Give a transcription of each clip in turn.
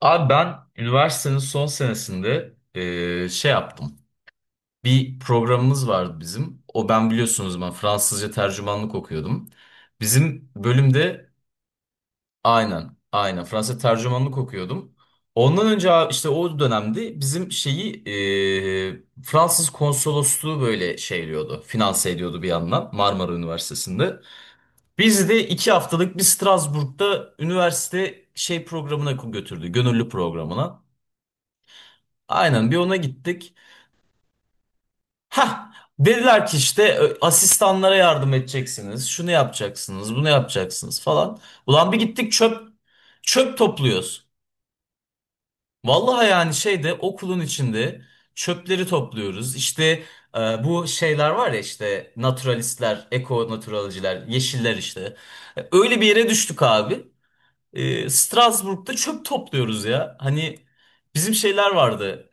Abi ben üniversitenin son senesinde şey yaptım. Bir programımız vardı bizim. O ben biliyorsunuz ben Fransızca tercümanlık okuyordum. Bizim bölümde aynen Fransızca tercümanlık okuyordum. Ondan önce abi işte o dönemde bizim şeyi Fransız konsolosluğu böyle şeyliyordu. Finanse ediyordu bir yandan Marmara Üniversitesi'nde. Bizi de iki haftalık bir Strasbourg'da üniversite şey programına götürdü. Gönüllü programına. Aynen bir ona gittik. Ha, dediler ki işte asistanlara yardım edeceksiniz. Şunu yapacaksınız, bunu yapacaksınız falan. Ulan bir gittik çöp topluyoruz. Vallahi yani şeyde okulun içinde çöpleri topluyoruz. İşte bu şeyler var ya işte naturalistler, eko naturalciler, yeşiller işte. Öyle bir yere düştük abi. Strasbourg'da çöp topluyoruz ya. Hani bizim şeyler vardı.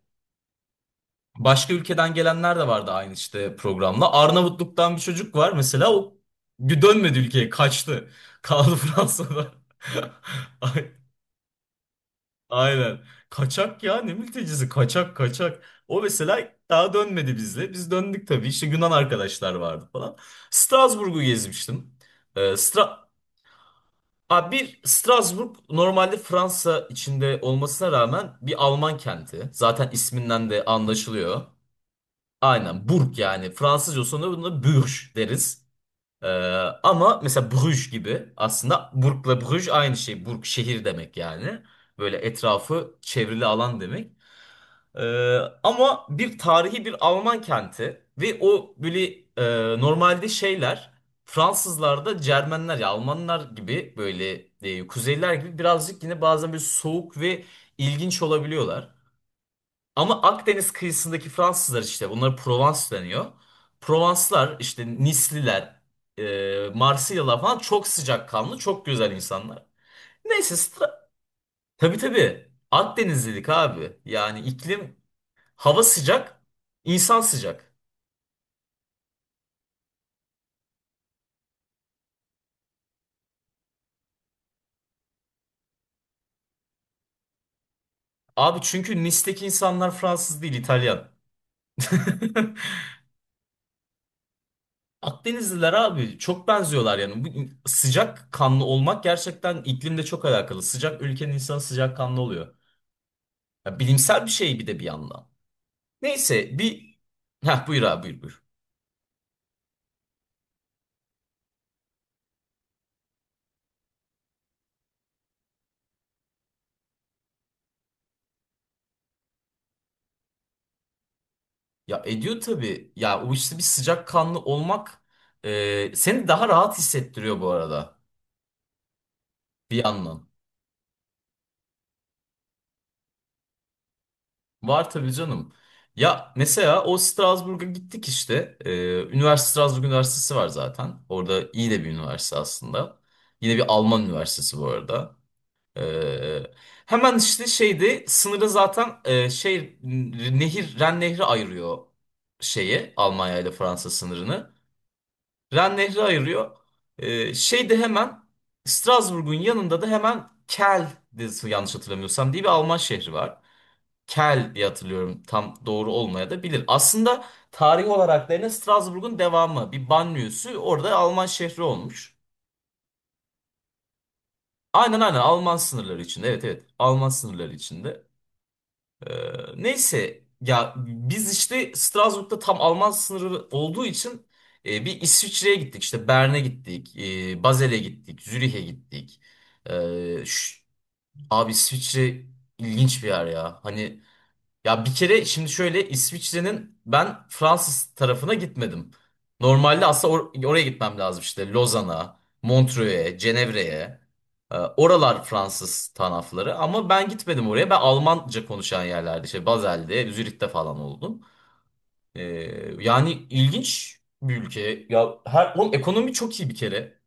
Başka ülkeden gelenler de vardı aynı işte programla. Arnavutluk'tan bir çocuk var mesela, o bir dönmedi, ülkeye kaçtı. Kaldı Fransa'da. Ay- Aynen. Kaçak ya, ne mültecisi, kaçak. O mesela daha dönmedi bizle. Biz döndük tabii. İşte Yunan arkadaşlar vardı falan. Strasbourg'u gezmiştim. Stra Aa, bir Strasbourg normalde Fransa içinde olmasına rağmen bir Alman kenti. Zaten isminden de anlaşılıyor. Aynen burk yani. Fransızca sonunda buna bürj deriz. Ee, ama mesela Bruges gibi, aslında burkla Bruges aynı şey. Burk şehir demek yani. Böyle etrafı çevrili alan demek. Ama bir tarihi bir Alman kenti ve o böyle normalde şeyler Fransızlarda Cermenler ya Almanlar gibi böyle kuzeyler gibi birazcık yine bazen böyle soğuk ve ilginç olabiliyorlar. Ama Akdeniz kıyısındaki Fransızlar, işte bunlara Provence deniyor. Provanslar işte Nisliler, Marsilyalılar falan çok sıcakkanlı, çok güzel insanlar. Neyse sıra. Tabii tabii, Akdenizlilik abi. Yani iklim, hava sıcak, insan sıcak. Abi çünkü Nis'teki insanlar Fransız değil, İtalyan. Akdenizliler abi çok benziyorlar yani. Sıcak kanlı olmak gerçekten iklimle çok alakalı. Sıcak ülkenin insanı sıcak kanlı oluyor. Ya bilimsel bir şey bir de bir yandan. Neyse bir. Heh, buyur abi, buyur. Ya ediyor tabii. Ya o işte bir sıcakkanlı olmak seni daha rahat hissettiriyor bu arada. Bir yandan. Var tabii canım. Ya mesela o Strasbourg'a gittik işte. E, Üniversite Strasbourg Üniversitesi var zaten. Orada iyi de bir üniversite aslında. Yine bir Alman üniversitesi bu arada. Ee, hemen işte şeyde sınırı zaten şey nehir Ren Nehri ayırıyor, şeyi Almanya ile Fransa sınırını. Ren Nehri ayırıyor. Şeyde hemen Strasbourg'un yanında da hemen Kel de, yanlış hatırlamıyorsam, diye bir Alman şehri var. Kel diye hatırlıyorum, tam doğru olmaya da bilir. Aslında tarih olarak da yine Strasbourg'un devamı bir banliyösü, orada Alman şehri olmuş. Aynen Alman sınırları içinde, evet evet, Alman sınırları içinde. Neyse ya biz işte Strasbourg'da tam Alman sınırı olduğu için bir İsviçre'ye gittik. İşte Bern'e gittik, Basel'e gittik, Zürih'e gittik. Ee, şş, abi İsviçre ilginç bir yer ya. Hani, ya bir kere şimdi şöyle, İsviçre'nin ben Fransız tarafına gitmedim. Normalde aslında oraya gitmem lazım, işte Lozan'a, Montreux'e, Cenevre'ye. Oralar Fransız tarafları ama ben gitmedim oraya. Ben Almanca konuşan yerlerde, işte Basel'de, Zürih'te falan oldum. Ee, yani ilginç bir ülke. Ya her, oğlum ekonomi çok iyi bir kere.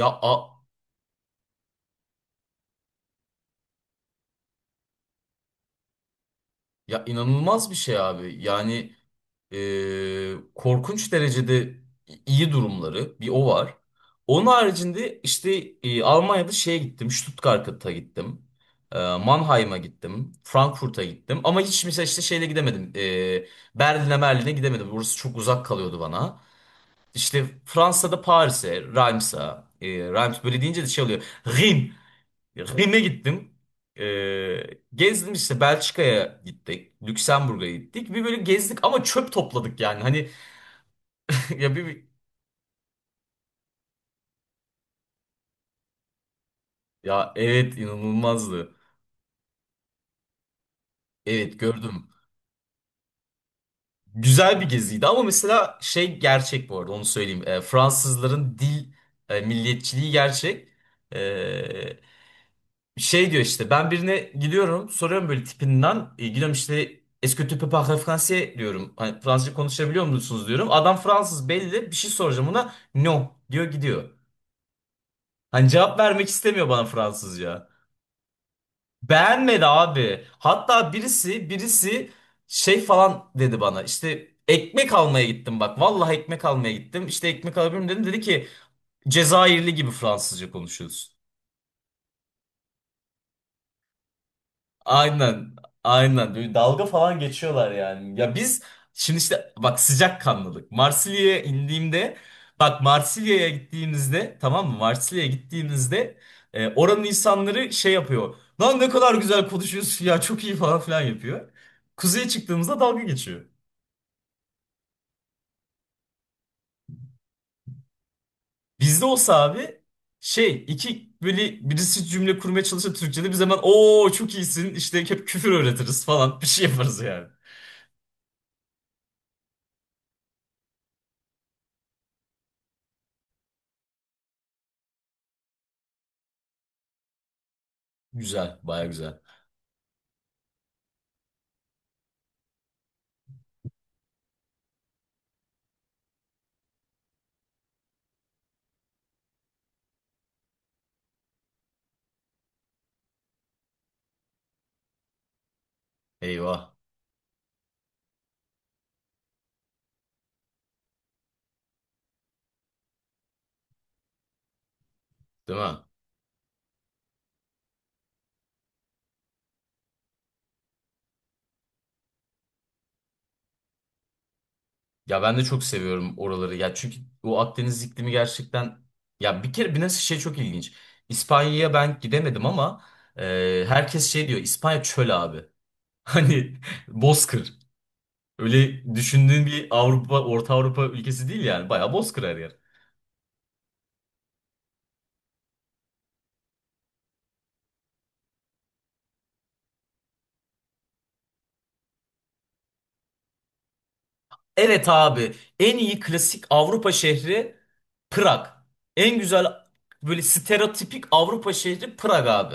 Ya a- ya inanılmaz bir şey abi. Yani korkunç derecede iyi durumları, bir o var. Onun haricinde işte Almanya'da şeye gittim, Stuttgart'a gittim. Mannheim'a gittim, Frankfurt'a gittim ama hiç mesela işte şeyle gidemedim. E, Berlin'e Merlin'e gidemedim. Burası çok uzak kalıyordu bana. İşte Fransa'da Paris'e, Reims'a, Reims böyle deyince de şey oluyor. Rhin'e gittim. E, gezdim işte Belçika'ya gittik, Lüksemburg'a gittik. Bir böyle gezdik ama çöp topladık yani. Hani. Ya bir ya evet, inanılmazdı. Evet, gördüm. Güzel bir geziydi ama mesela şey gerçek bu arada, onu söyleyeyim. E, Fransızların dil milliyetçiliği gerçek. E, şey diyor, işte ben birine gidiyorum soruyorum böyle tipinden. E, gidiyorum işte, Est-ce que tu peux parler français diyorum. Hani Fransızca konuşabiliyor musunuz diyorum. Adam Fransız belli, bir şey soracağım ona. No diyor, gidiyor. Hani cevap vermek istemiyor bana Fransızca. Beğenmedi abi. Hatta birisi şey falan dedi bana. İşte ekmek almaya gittim bak. Vallahi ekmek almaya gittim. İşte ekmek alabilir miyim dedim. Dedi ki, Cezayirli gibi Fransızca konuşuyorsun. Aynen. Aynen. Böyle dalga falan geçiyorlar yani. Ya biz, şimdi işte bak, sıcakkanlılık. Marsilya'ya indiğimde, bak Marsilya'ya gittiğimizde, tamam mı? Marsilya'ya gittiğimizde oranın insanları şey yapıyor. Lan ne kadar güzel konuşuyorsun ya, çok iyi falan filan yapıyor. Kuzeye çıktığımızda dalga geçiyor. Bizde olsa abi, şey iki böyle birisi cümle kurmaya çalışsa Türkçe'de, biz hemen ooo çok iyisin işte, hep küfür öğretiriz falan bir şey yaparız yani. Güzel, baya güzel. Eyvah. Değil mi? Ya ben de çok seviyorum oraları. Ya çünkü o Akdeniz iklimi gerçekten, ya bir kere bir nasıl şey, çok ilginç. İspanya'ya ben gidemedim ama herkes şey diyor, İspanya çöl abi. Hani bozkır. Öyle düşündüğün bir Avrupa, Orta Avrupa ülkesi değil yani. Bayağı bozkır her yer. Evet abi. En iyi klasik Avrupa şehri Prag. En güzel böyle stereotipik Avrupa şehri Prag abi.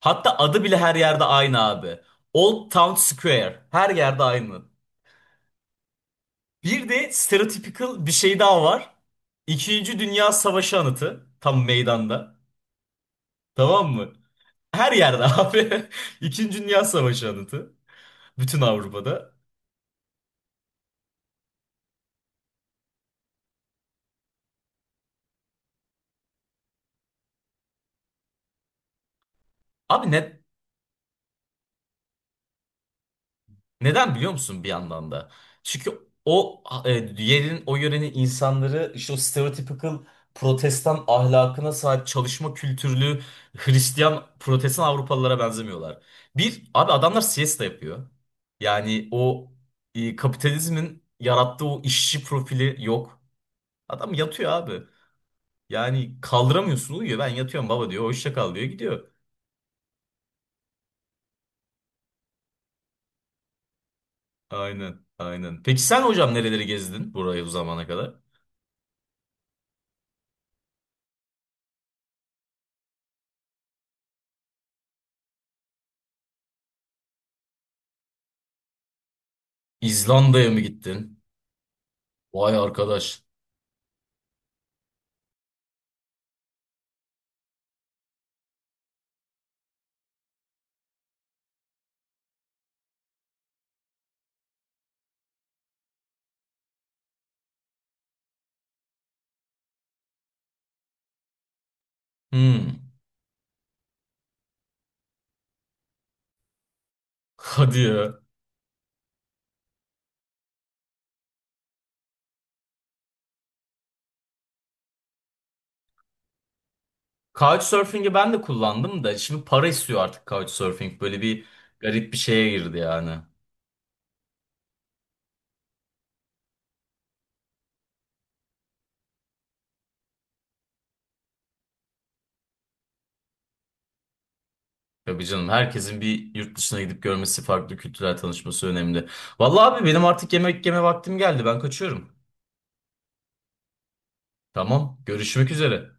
Hatta adı bile her yerde aynı abi. Old Town Square. Her yerde aynı. Bir de stereotypical bir şey daha var. İkinci Dünya Savaşı anıtı. Tam meydanda. Tamam mı? Her yerde abi. İkinci Dünya Savaşı anıtı. Bütün Avrupa'da. Abi ne, Neden biliyor musun bir yandan da? Çünkü o yerin, o yörenin insanları işte o stereotypical protestan ahlakına sahip, çalışma kültürlü Hristiyan protestan Avrupalılara benzemiyorlar. Bir, abi adamlar siesta yapıyor. Yani o kapitalizmin yarattığı o işçi profili yok. Adam yatıyor abi. Yani kaldıramıyorsun, uyuyor. Ben yatıyorum baba diyor. Hoşça kal diyor, gidiyor. Aynen aynen. Peki sen hocam nereleri gezdin, burayı bu zamana kadar? İzlanda'ya mı gittin? Vay arkadaş. Hmm. Hadi ya. Couchsurfing'i ben de kullandım da şimdi para istiyor artık Couchsurfing. Böyle bir garip bir şeye girdi yani. Tabii canım, herkesin bir yurt dışına gidip görmesi, farklı kültürel tanışması önemli. Vallahi abi benim artık yemek yeme vaktim geldi. Ben kaçıyorum. Tamam, görüşmek üzere.